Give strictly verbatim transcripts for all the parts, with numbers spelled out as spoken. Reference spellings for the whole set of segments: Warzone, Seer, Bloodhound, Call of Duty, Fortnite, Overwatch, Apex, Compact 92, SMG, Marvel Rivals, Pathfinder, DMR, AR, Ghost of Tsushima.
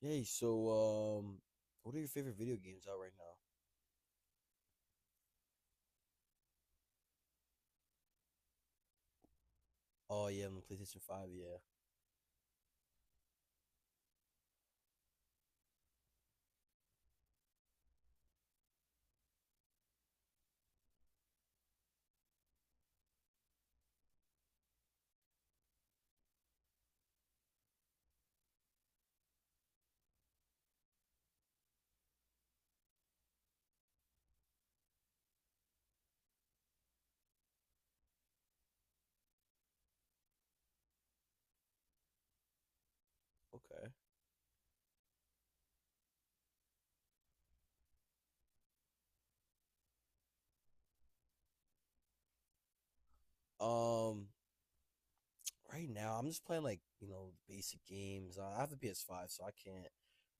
Yay, so um what are your favorite video games out right now? Oh yeah, I'm on PlayStation five, yeah. Okay. Um right now I'm just playing, like, you know, basic games. I have the P S five, so I can't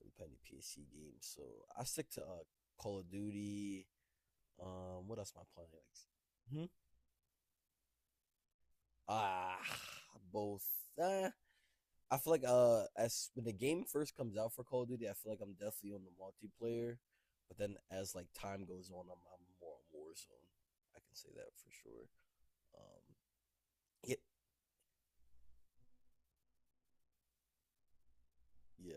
really play any P S C games. So I stick to uh Call of Duty. Um, what else am I playing? Like, hmm? Ah, both. uh, I feel like uh as when the game first comes out for Call of Duty, I feel like I'm definitely on the multiplayer, but then as like time goes on, I'm, I'm more on Warzone. I can say that for sure. Um, yeah, yeah.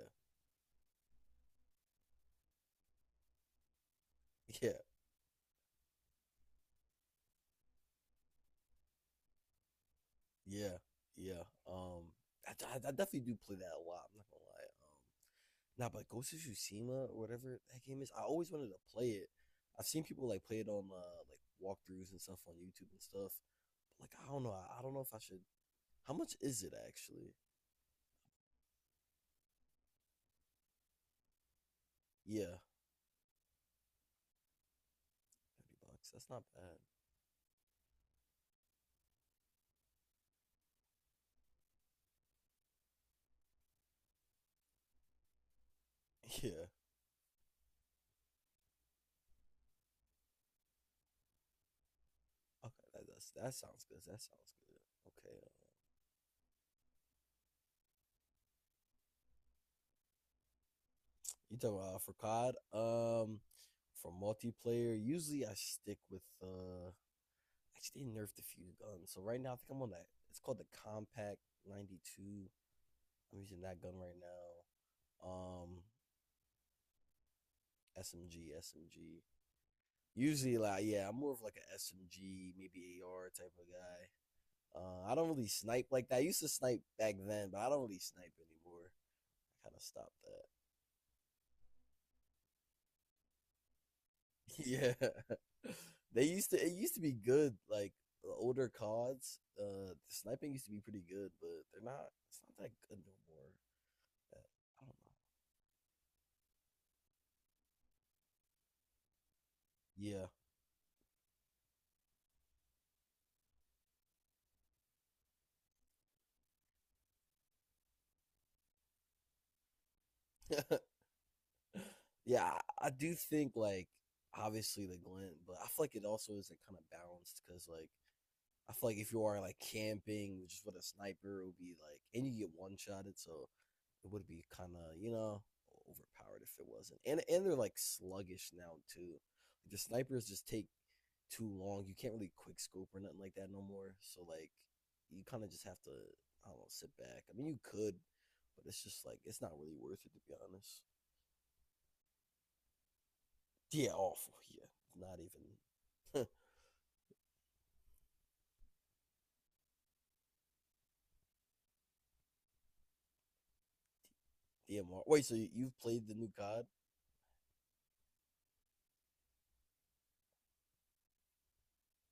yeah, yeah, yeah. Um, I, I, I definitely do play that a lot. I'm not gonna lie. Um, nah, but Ghost of Tsushima or whatever that game is, I always wanted to play it. I've seen people like play it on uh like walkthroughs and stuff on YouTube and stuff. But like, I don't know. I, I don't know if I should. How much is it actually? Yeah. Thirty bucks. That's not bad. Yeah. Okay. That that's, that sounds good. That sounds good. Okay. uh, You talking about for COD? Um, for multiplayer, usually I stick with uh. Actually, they nerfed a few guns. So right now, I think I'm on that. It's called the Compact ninety-two. I'm using that gun right now. Um, S M G, S M G. Usually, like, yeah, I'm more of like a S M G, maybe A R type of guy. Uh, I don't really snipe like that. I used to snipe back then, but I don't really snipe anymore. I kind of stopped that. Yeah. They used to it used to be good, like the older C O Ds. Uh sniping used to be pretty good, but they're not it's not that good no more. Uh, I don't know. Yeah. Yeah, I, I do think like, obviously the glint, but I feel like it also isn't kind of balanced because, like, I feel like if you are like camping just with a sniper, it would be like, and you get one shotted, so it would be kind of, you know, overpowered if it wasn't. And and they're like sluggish now too. Like, the snipers just take too long. You can't really quick scope or nothing like that no more. So like, you kind of just have to, I don't know, sit back. I mean, you could, but it's just like, it's not really worth it, to be honest. Yeah, awful. Yeah, not even. D M R. Wait, so you've played the new COD?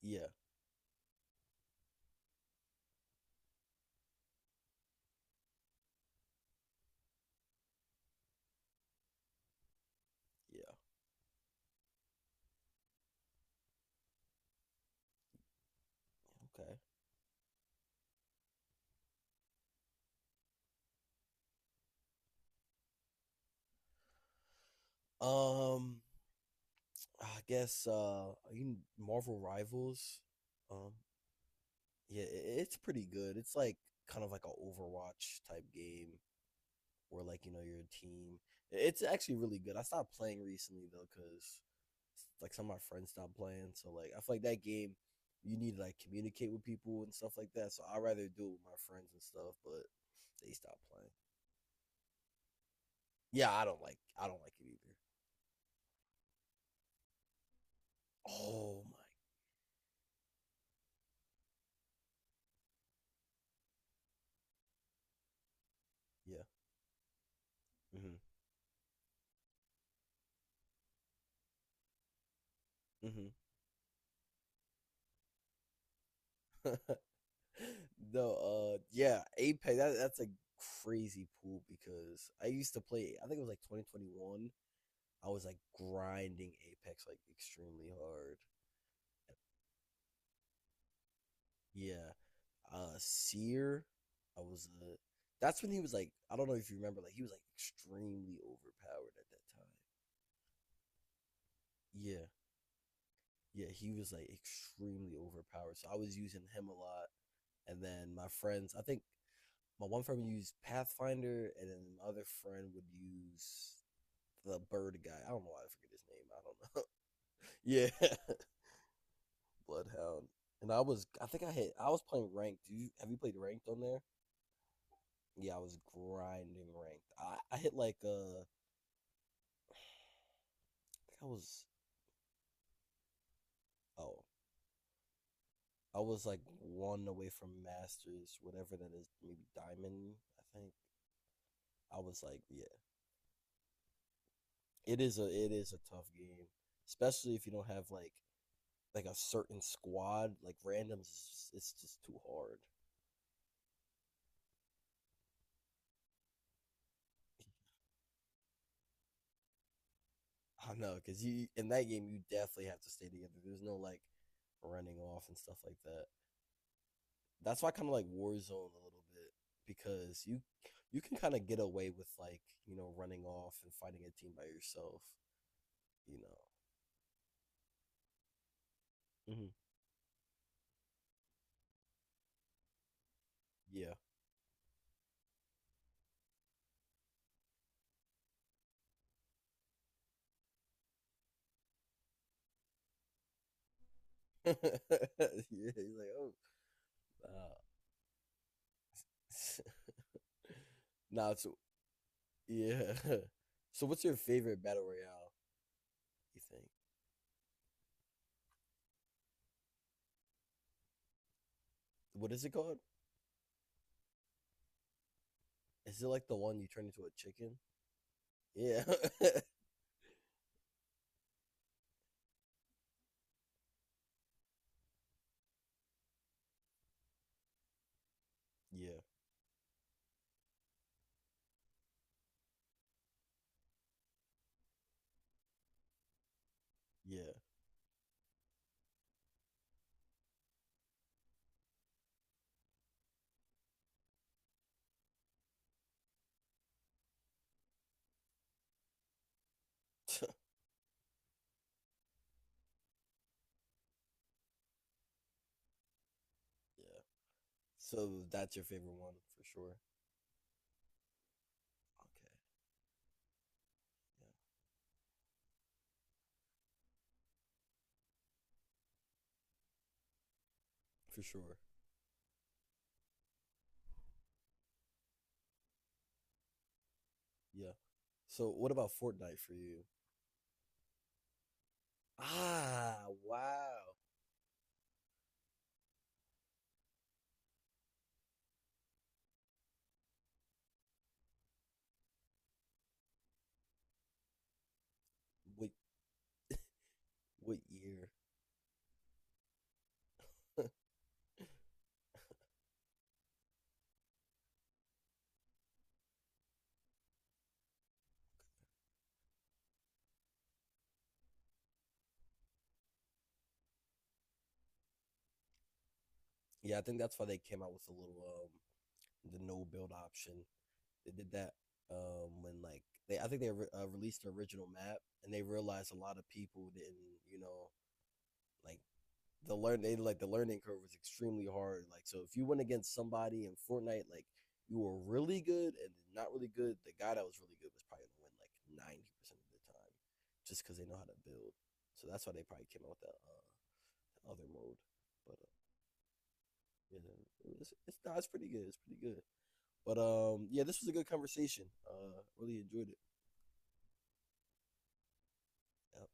Yeah, yeah. Okay. Um, I guess uh, you Marvel Rivals. Um, yeah, it, it's pretty good. It's like kind of like a Overwatch type game. Or like, you know, your team. It's actually really good. I stopped playing recently though because like some of my friends stopped playing, so like I feel like that game you need to like communicate with people and stuff like that. So I'd rather do it with my friends and stuff, but they stopped playing. Yeah, I don't like I don't like it either. Oh my, yeah. Mm-hmm. Mm-hmm. No. Uh yeah, Apex, that, that's a crazy pool because I used to play, I think it was like twenty twenty one. I was like grinding Apex like extremely hard. And yeah. Uh, Seer. I was uh that's when he was like, I don't know if you remember, like he was like extremely overpowered at that time. Yeah. Yeah, he was like extremely overpowered. So I was using him a lot. And then my friends, I think my one friend would use Pathfinder and then my other friend would use the bird guy. I don't know why I forget his name. I don't know. Yeah. Bloodhound. And I was I think I hit I was playing ranked. Do you Have you played ranked on there? Yeah, I was grinding ranked. I, I hit like uh I think I was, oh, I was like one away from masters, whatever that is, maybe diamond. I think I was like, yeah, it is a it is a tough game, especially if you don't have like like a certain squad. Like randoms, is just- it's just too hard. I don't know, because you in that game you definitely have to stay together. There's no like running off and stuff like that. That's why I kind of like Warzone a little bit because you you can kind of get away with like, you know, running off and fighting a team by yourself. You know. Mhm. Yeah. Yeah. He's like, oh, uh. Nah. So yeah. So what's your favorite battle royale, you think? What is it called? Is it like the one you turn into a chicken? Yeah. Yeah, yeah. Yeah. So that's your favorite one for sure. Okay, yeah, for sure. Yeah. So what about Fortnite for you? Ah, wow. What what year? Yeah, I think that's why they came out with a little um the no build option. They did that um when like they, I think they re- uh, released the original map and they realized a lot of people didn't, you know, like the learn they like, the learning curve was extremely hard. Like, so if you went against somebody in Fortnite, like, you were really good and not really good, the guy that was really good was probably gonna win like ninety percent of the time, just because they know how to build. So that's why they probably came out with that uh, other mode. But uh, yeah, it's it's, nah, it's pretty good. It's pretty good. But um, yeah, this was a good conversation. Uh, really enjoyed it. Yeah.